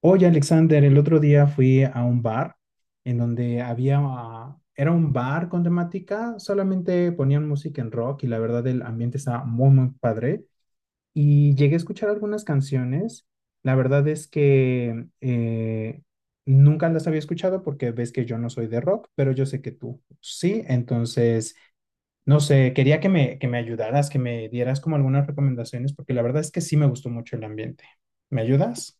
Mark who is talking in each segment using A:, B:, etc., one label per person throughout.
A: Oye, Alexander, el otro día fui a un bar en donde había, era un bar con temática, solamente ponían música en rock y la verdad el ambiente estaba muy, muy padre. Y llegué a escuchar algunas canciones. La verdad es que nunca las había escuchado porque ves que yo no soy de rock, pero yo sé que tú sí. Entonces, no sé, quería que me ayudaras, que me dieras como algunas recomendaciones porque la verdad es que sí me gustó mucho el ambiente. ¿Me ayudas?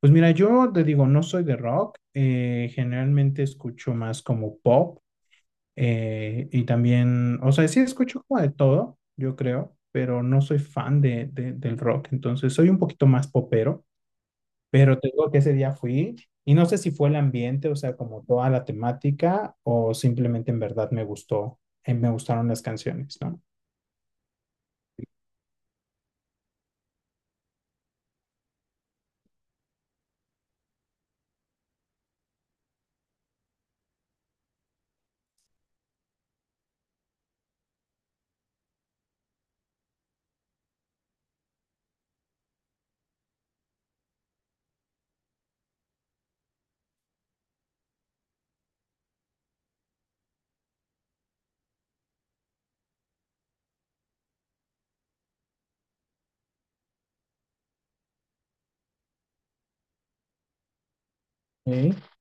A: Pues mira, yo te digo, no soy de rock, generalmente escucho más como pop y también, o sea, sí escucho como de todo, yo creo, pero no soy fan del rock, entonces soy un poquito más popero, pero te digo que ese día fui y no sé si fue el ambiente, o sea, como toda la temática o simplemente en verdad me gustó, me gustaron las canciones, ¿no? Ok.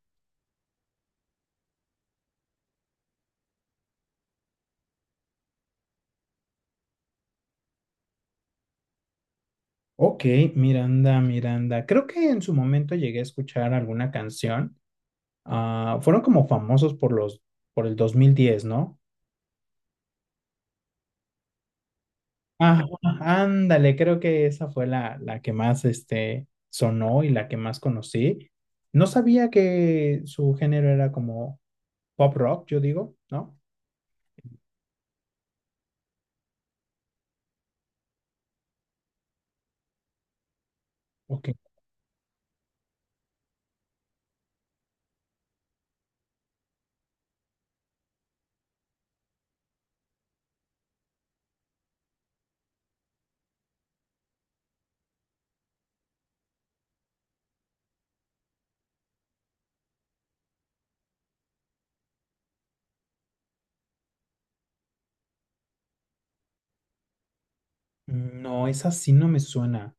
A: Ok, Miranda, Miranda. Creo que en su momento llegué a escuchar alguna canción. Ah, fueron como famosos por el 2010, ¿no? Ah, ándale, creo que esa fue la que más este, sonó y la que más conocí. No sabía que su género era como pop rock, yo digo, ¿no? Ok. No, esa sí no me suena.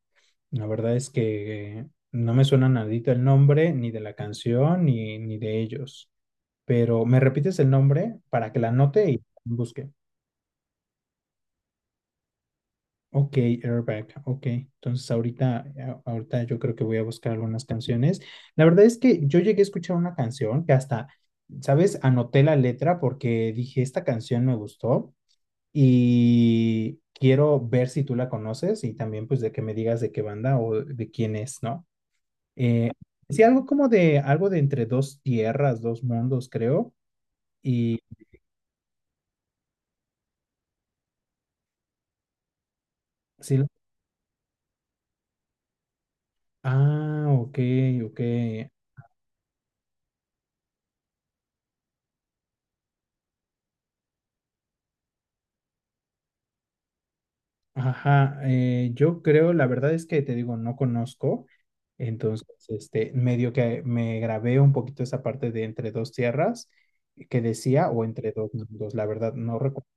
A: La verdad es que no me suena nadito el nombre, ni de la canción, ni, ni de ellos. Pero, ¿me repites el nombre para que la anote y busque? Ok, Airbag, ok. Entonces ahorita, ahorita yo creo que voy a buscar algunas canciones. La verdad es que yo llegué a escuchar una canción que hasta, ¿sabes? Anoté la letra porque dije, esta canción me gustó y quiero ver si tú la conoces y también pues de que me digas de qué banda o de quién es, ¿no? Eh, sí, algo como de, algo de entre dos tierras, dos mundos, creo. Y sí, ah, ok, ok. Ajá, yo creo, la verdad es que te digo, no conozco, entonces, este, medio que me grabé un poquito esa parte de entre dos tierras que decía, o entre dos mundos, la verdad no recuerdo.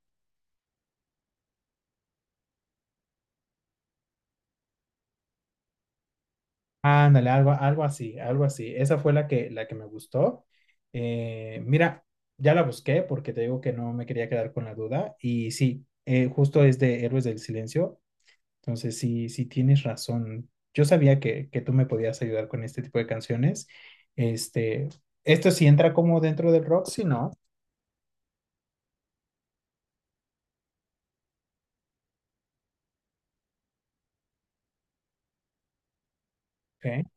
A: Ándale, algo, algo así, algo así. Esa fue la que me gustó. Mira, ya la busqué porque te digo que no me quería quedar con la duda y sí, justo es de Héroes del Silencio. Entonces, sí, sí tienes razón. Yo sabía que tú me podías ayudar con este tipo de canciones. Este, esto sí entra como dentro del rock, si no. Ok.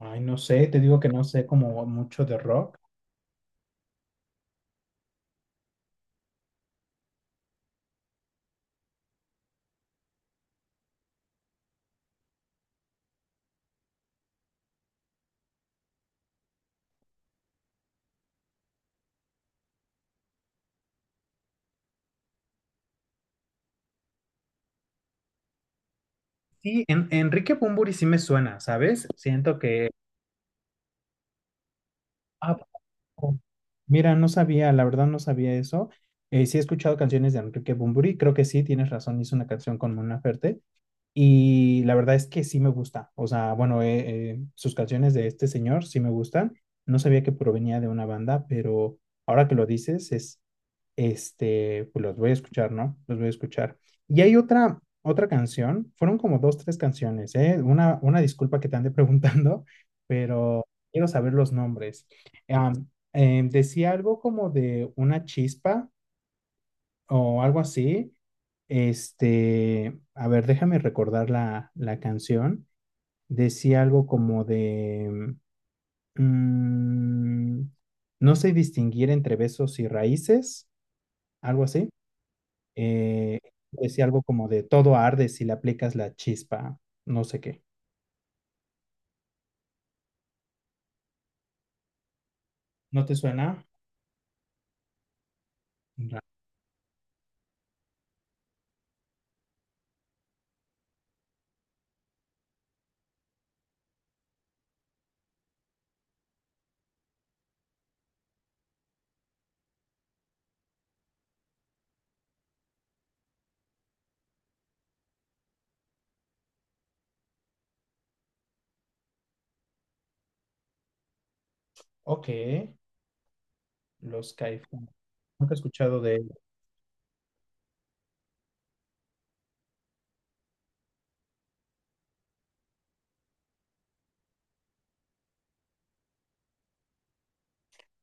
A: Ay, no sé, te digo que no sé como mucho de rock. Sí, en, Enrique Bunbury sí me suena, ¿sabes? Siento que... Ah, poco. Mira, no sabía, la verdad no sabía eso. Sí he escuchado canciones de Enrique Bunbury, creo que sí, tienes razón, hizo una canción con Mona Ferte. Y la verdad es que sí me gusta. O sea, bueno, sus canciones de este señor sí me gustan. No sabía que provenía de una banda, pero ahora que lo dices, es, este, pues los voy a escuchar, ¿no? Los voy a escuchar. Y hay otra, otra canción, fueron como dos, tres canciones, ¿eh? Una disculpa que te ande preguntando, pero quiero saber los nombres. Am, decía algo como de una chispa o algo así, este, a ver, déjame recordar la canción. Decía algo como de, mm, no sé distinguir entre besos y raíces, algo así. Eh, decía algo como de, todo arde si le aplicas la chispa, no sé qué. ¿No te suena? Ra- Ok, los caifanes. Nunca he escuchado de ellos.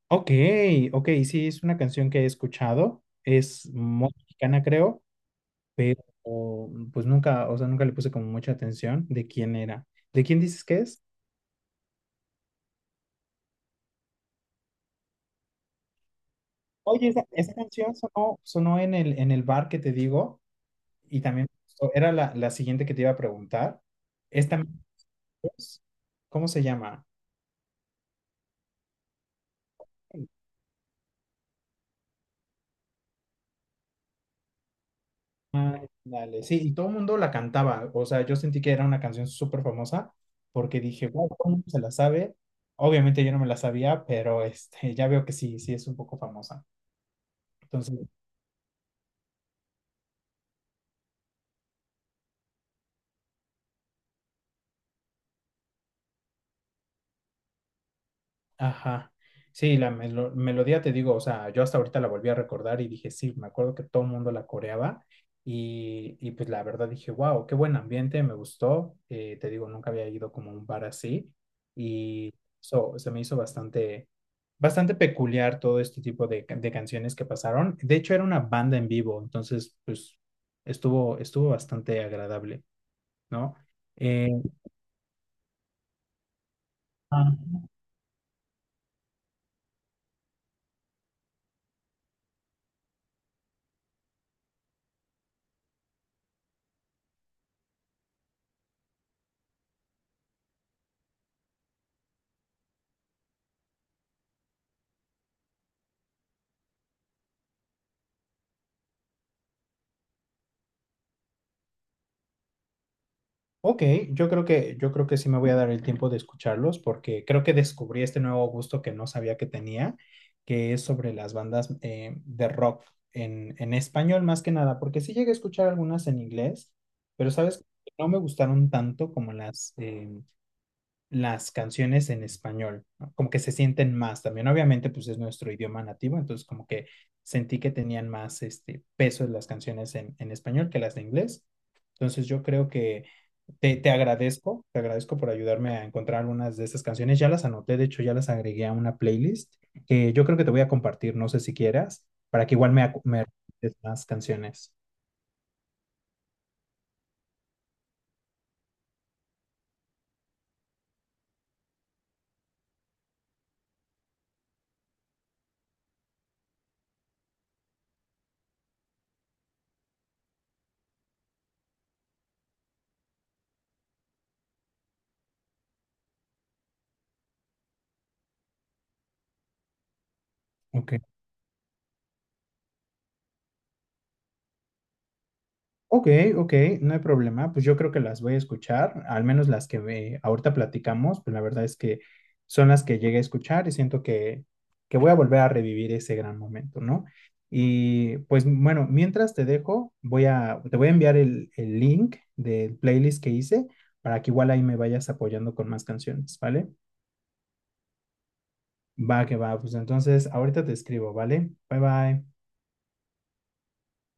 A: Ok, ok, sí, es una canción que he escuchado. Es muy mexicana, creo. Pero pues nunca, o sea, nunca le puse como mucha atención de quién era. ¿De quién dices que es? Oye, esa canción sonó, sonó en el bar que te digo y también me gustó. Era la, la siguiente que te iba a preguntar. Esta, ¿cómo se llama? Dale, sí, y todo el mundo la cantaba, o sea, yo sentí que era una canción súper famosa porque dije, wow, todo el mundo se la sabe. Obviamente yo no me la sabía, pero este, ya veo que sí, sí es un poco famosa. Entonces, ajá. Sí, la melodía te digo, o sea, yo hasta ahorita la volví a recordar y dije, sí, me acuerdo que todo el mundo la coreaba y pues la verdad dije, wow, qué buen ambiente, me gustó. Te digo, nunca había ido como a un bar así y so, se me hizo bastante, bastante peculiar todo este tipo de canciones que pasaron. De hecho, era una banda en vivo, entonces, pues estuvo, estuvo bastante agradable, ¿no? Eh, ah. Ok, yo creo que sí me voy a dar el tiempo de escucharlos porque creo que descubrí este nuevo gusto que no sabía que tenía, que es sobre las bandas de rock en español más que nada, porque sí llegué a escuchar algunas en inglés, pero sabes, no me gustaron tanto como las canciones en español, ¿no? Como que se sienten más también, obviamente pues es nuestro idioma nativo, entonces como que sentí que tenían más este, peso las canciones en español que las de inglés. Entonces yo creo que te agradezco por ayudarme a encontrar algunas de estas canciones. Ya las anoté, de hecho ya las agregué a una playlist que yo creo que te voy a compartir, no sé si quieras, para que igual me, acu- me recomiendes más canciones. Ok. Ok, ok, no hay problema. Pues yo creo que las voy a escuchar, al menos las ahorita platicamos, pues la verdad es que son las que llegué a escuchar y siento que voy a volver a revivir ese gran momento, ¿no? Y pues bueno, mientras te dejo, te voy a enviar el link del playlist que hice para que igual ahí me vayas apoyando con más canciones, ¿vale? Va que va, pues entonces ahorita te escribo, ¿vale? Bye bye.